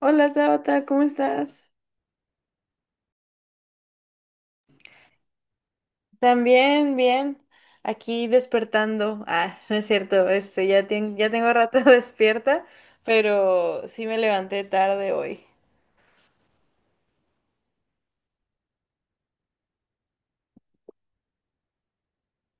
Hola Tabata, ¿cómo estás? También, bien. Aquí despertando. Ah, no es cierto, ya, ya tengo rato despierta, pero sí me levanté tarde hoy.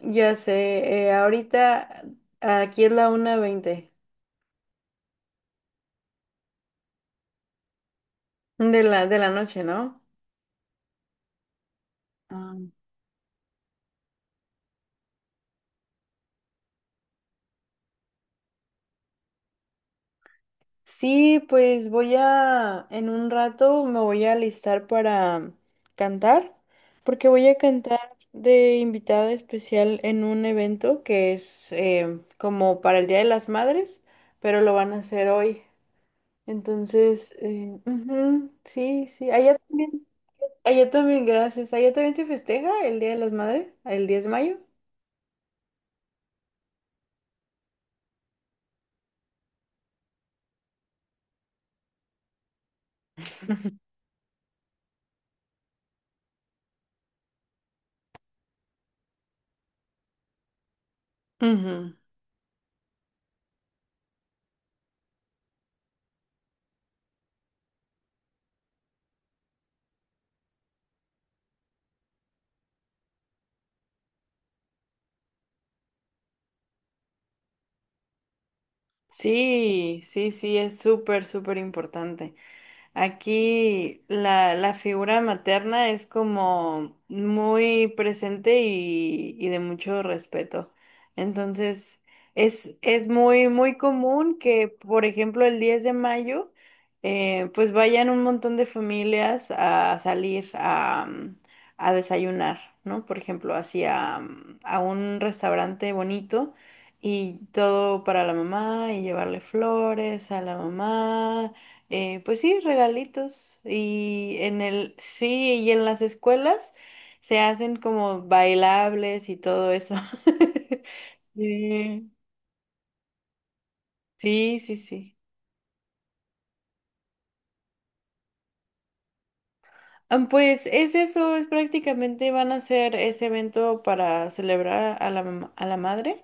Ya sé, ahorita aquí es la 1:20 de la noche, ¿no? Ah. Sí, pues en un rato me voy a alistar para cantar, porque voy a cantar de invitada especial en un evento que es como para el Día de las Madres, pero lo van a hacer hoy. Entonces, ujú, sí, sí, allá también, gracias. Allá también se festeja el Día de las Madres, el 10 de mayo. Ujú. Sí, sí, sí, es súper, súper importante. Aquí la figura materna es como muy presente y de mucho respeto. Entonces, es muy, muy común que, por ejemplo, el 10 de mayo, pues vayan un montón de familias a salir a desayunar, ¿no? Por ejemplo, hacia a un restaurante bonito y todo para la mamá y llevarle flores a la mamá, pues sí, regalitos. Sí, y en las escuelas se hacen como bailables y todo eso. Sí, sí, sí, sí. Ah, pues es eso, es prácticamente van a hacer ese evento para celebrar a la madre.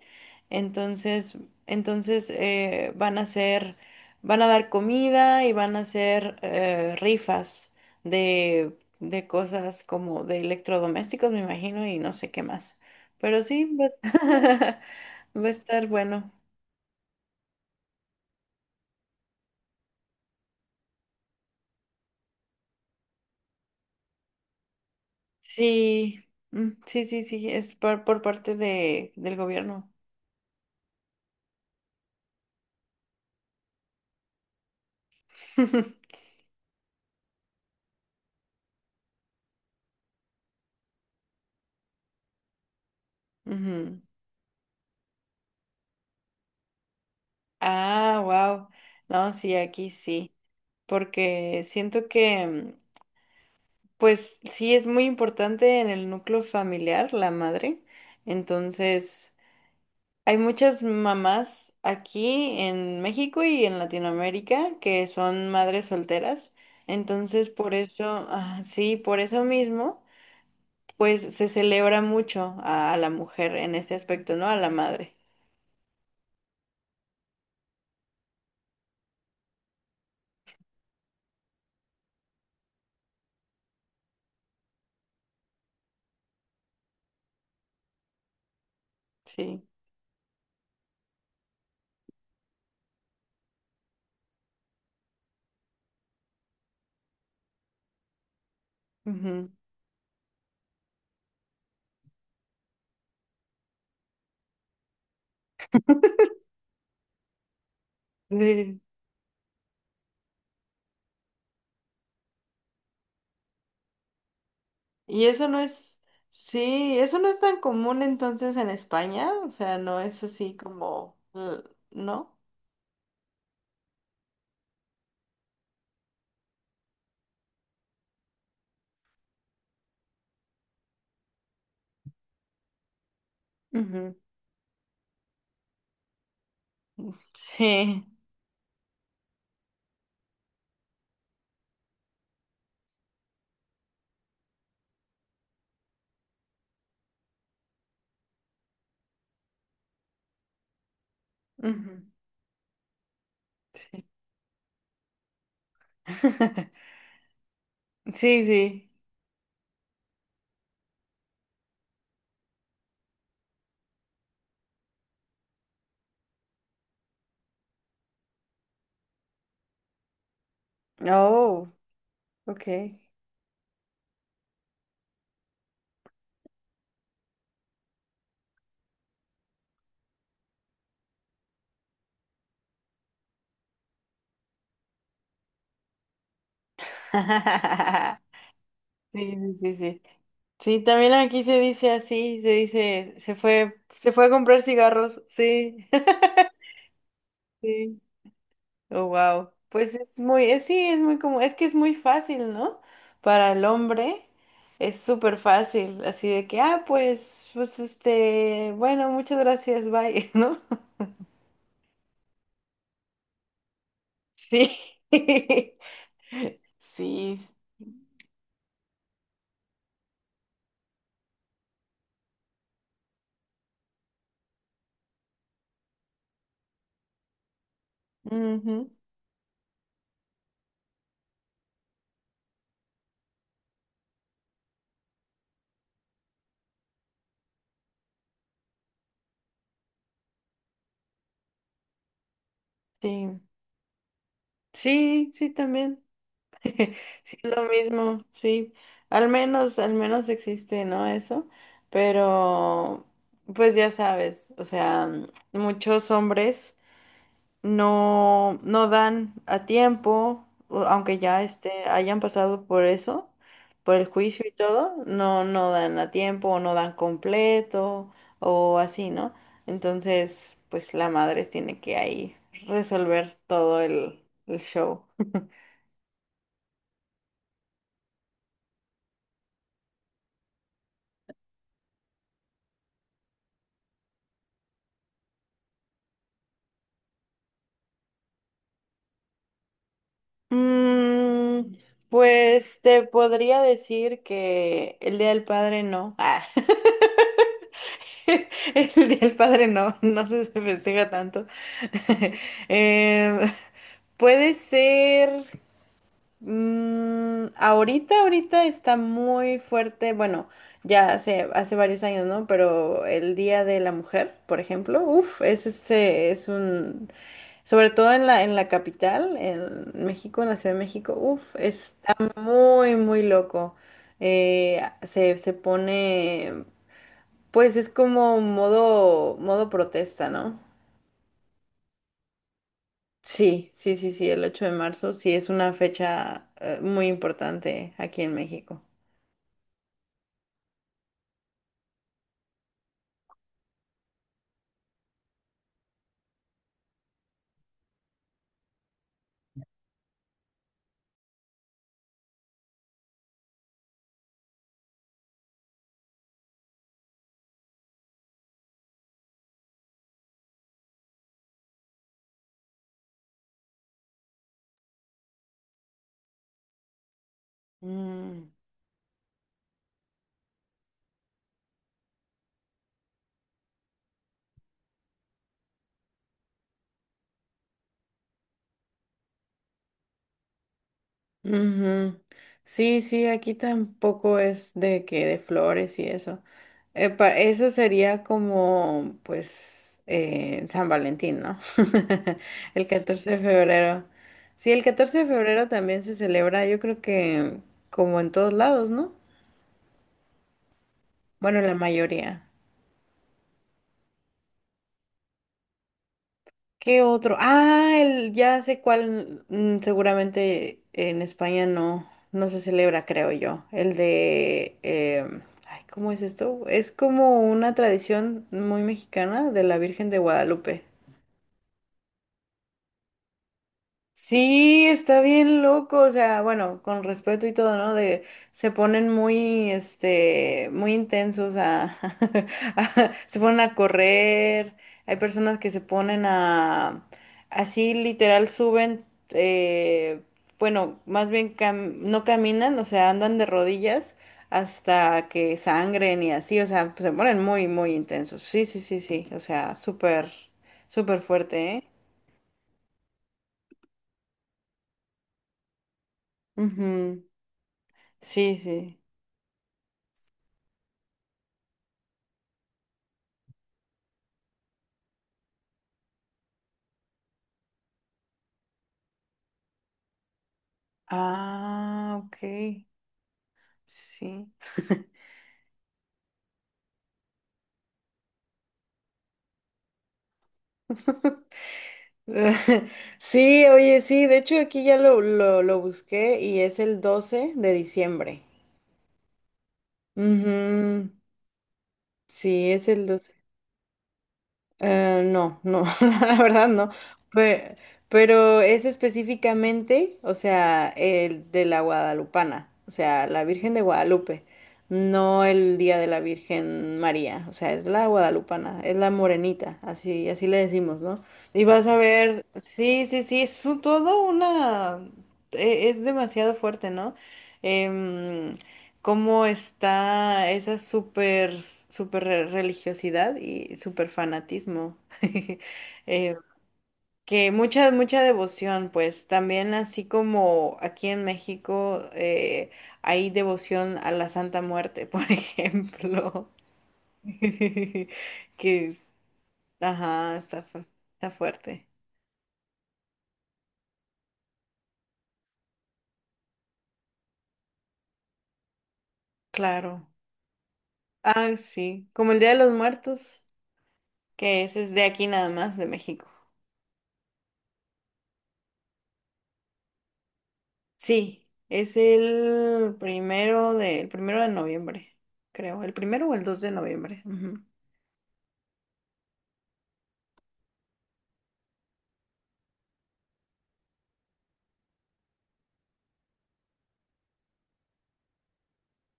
Entonces, entonces, van a dar comida y van a hacer rifas de cosas como de electrodomésticos, me imagino, y no sé qué más. Pero sí, va a estar bueno. Sí, sí, sí, sí, es por parte del gobierno. Ujú. Ah, wow. No, sí, aquí sí, porque siento que, pues sí, es muy importante en el núcleo familiar la madre. Entonces, hay muchas mamás aquí en México y en Latinoamérica que son madres solteras. Entonces, por eso, ah, sí, por eso mismo, pues se celebra mucho a la mujer en ese aspecto, ¿no? A la madre. Sí. Ujú. Y eso no es, sí, eso no es tan común entonces en España, o sea, no es así como, ¿no? Ujú, sí, ujú, sí. Sí, sí. Oh, ok. Sí, sí, sí, sí. Sí, también aquí se dice así, se dice, se fue a comprar cigarros, sí. Sí. Oh, wow. Pues es muy, sí, es muy como, es que es muy fácil, ¿no? Para el hombre es súper fácil, así de que, ah, pues bueno, muchas gracias, bye, ¿no? Sí, sí, ujú, sí, sí, sí, también. Lo mismo, sí. Al menos existe, ¿no? Eso. Pero, pues ya sabes, o sea, muchos hombres. No, no dan a tiempo, aunque ya hayan pasado por eso, por el juicio y todo, no, no dan a tiempo, o no dan completo, o así, ¿no? Entonces, pues la madre tiene que ahí resolver todo el show. Mm, pues te podría decir que el Día del Padre no. Ah. El Día del Padre no, no se festeja tanto. Em, puede ser. Ahorita, ahorita está muy fuerte. Bueno, ya hace, hace varios años, ¿no? Pero el Día de la Mujer, por ejemplo, uff, es un. Sobre todo en la capital, en México, en la Ciudad de México, uff, está muy, muy loco. Se pone. Pues es como modo, modo protesta, ¿no? Sí, sí, sí, sí, el 8 de marzo sí es una fecha muy importante aquí en México. Mm, ujú. Sí, sí, aquí tampoco es de que de flores y eso. Eso sería como, pues, San Valentín, ¿no? El 14 de febrero. Sí, el 14 de febrero también se celebra, yo creo que como en todos lados, ¿no? Bueno, la mayoría. ¿Qué otro? Ah, ya sé cuál, seguramente en España no, no se celebra, creo yo. El de, ay, ¿cómo es esto? Es como una tradición muy mexicana de la Virgen de Guadalupe. Sí, está bien loco, o sea, bueno, con respeto y todo, ¿no? De se ponen muy, muy intensos se ponen a correr. Hay personas que se ponen así literal suben, eh, bueno, más bien no caminan, o sea, andan de rodillas hasta que sangren y así, o sea, se ponen muy, muy intensos. Sí, sí, sí, sí, o sea, súper, súper fuerte, ¿eh? Ujú. Sí, sí. Ah, ok. Sí. Sí, oye, sí, de hecho aquí ya lo busqué y es el 12 de diciembre. Ujú, sí, es el 12. No, no, la verdad no. Pero, pero es específicamente, o sea, el de la Guadalupana, o sea, la Virgen de Guadalupe, no el Día de la Virgen María, o sea, es la Guadalupana, es la morenita, así, así le decimos, ¿no? Y vas a ver, sí, sí, sí, todo una, es demasiado fuerte, ¿no? Em, cómo está esa super, super religiosidad y super fanatismo. Eh, que mucha, mucha devoción, pues también así como aquí en México, hay devoción a la Santa Muerte, por ejemplo. Que, ajá, está fuerte. Claro. Ah, sí, como el Día de los Muertos, que ese es de aquí nada más, de México. Sí, es el primero de noviembre, creo. ¿El primero o el 2 de noviembre? Ujú.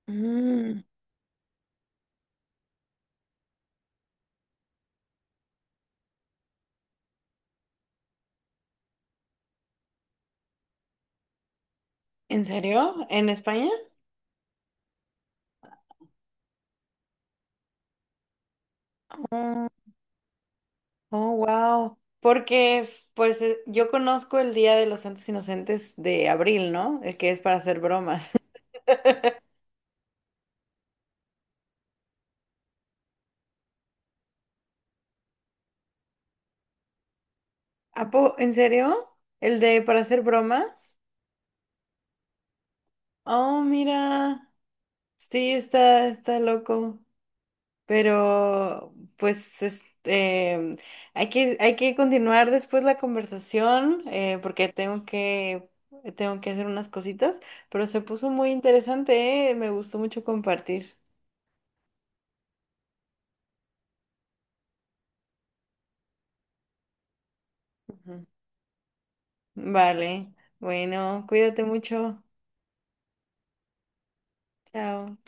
Mm, ¿En serio? ¿En España? Mm, Oh, wow. Porque, pues, yo conozco el Día de los Santos Inocentes de abril, ¿no? El que es para hacer bromas. ¿En serio? ¿El de para hacer bromas? Oh, mira. Sí, está loco. Pero, pues, hay que continuar después la conversación, porque tengo que hacer unas cositas, pero se puso muy interesante, Me gustó mucho compartir. Ujú. Vale, bueno, cuídate mucho. Chao.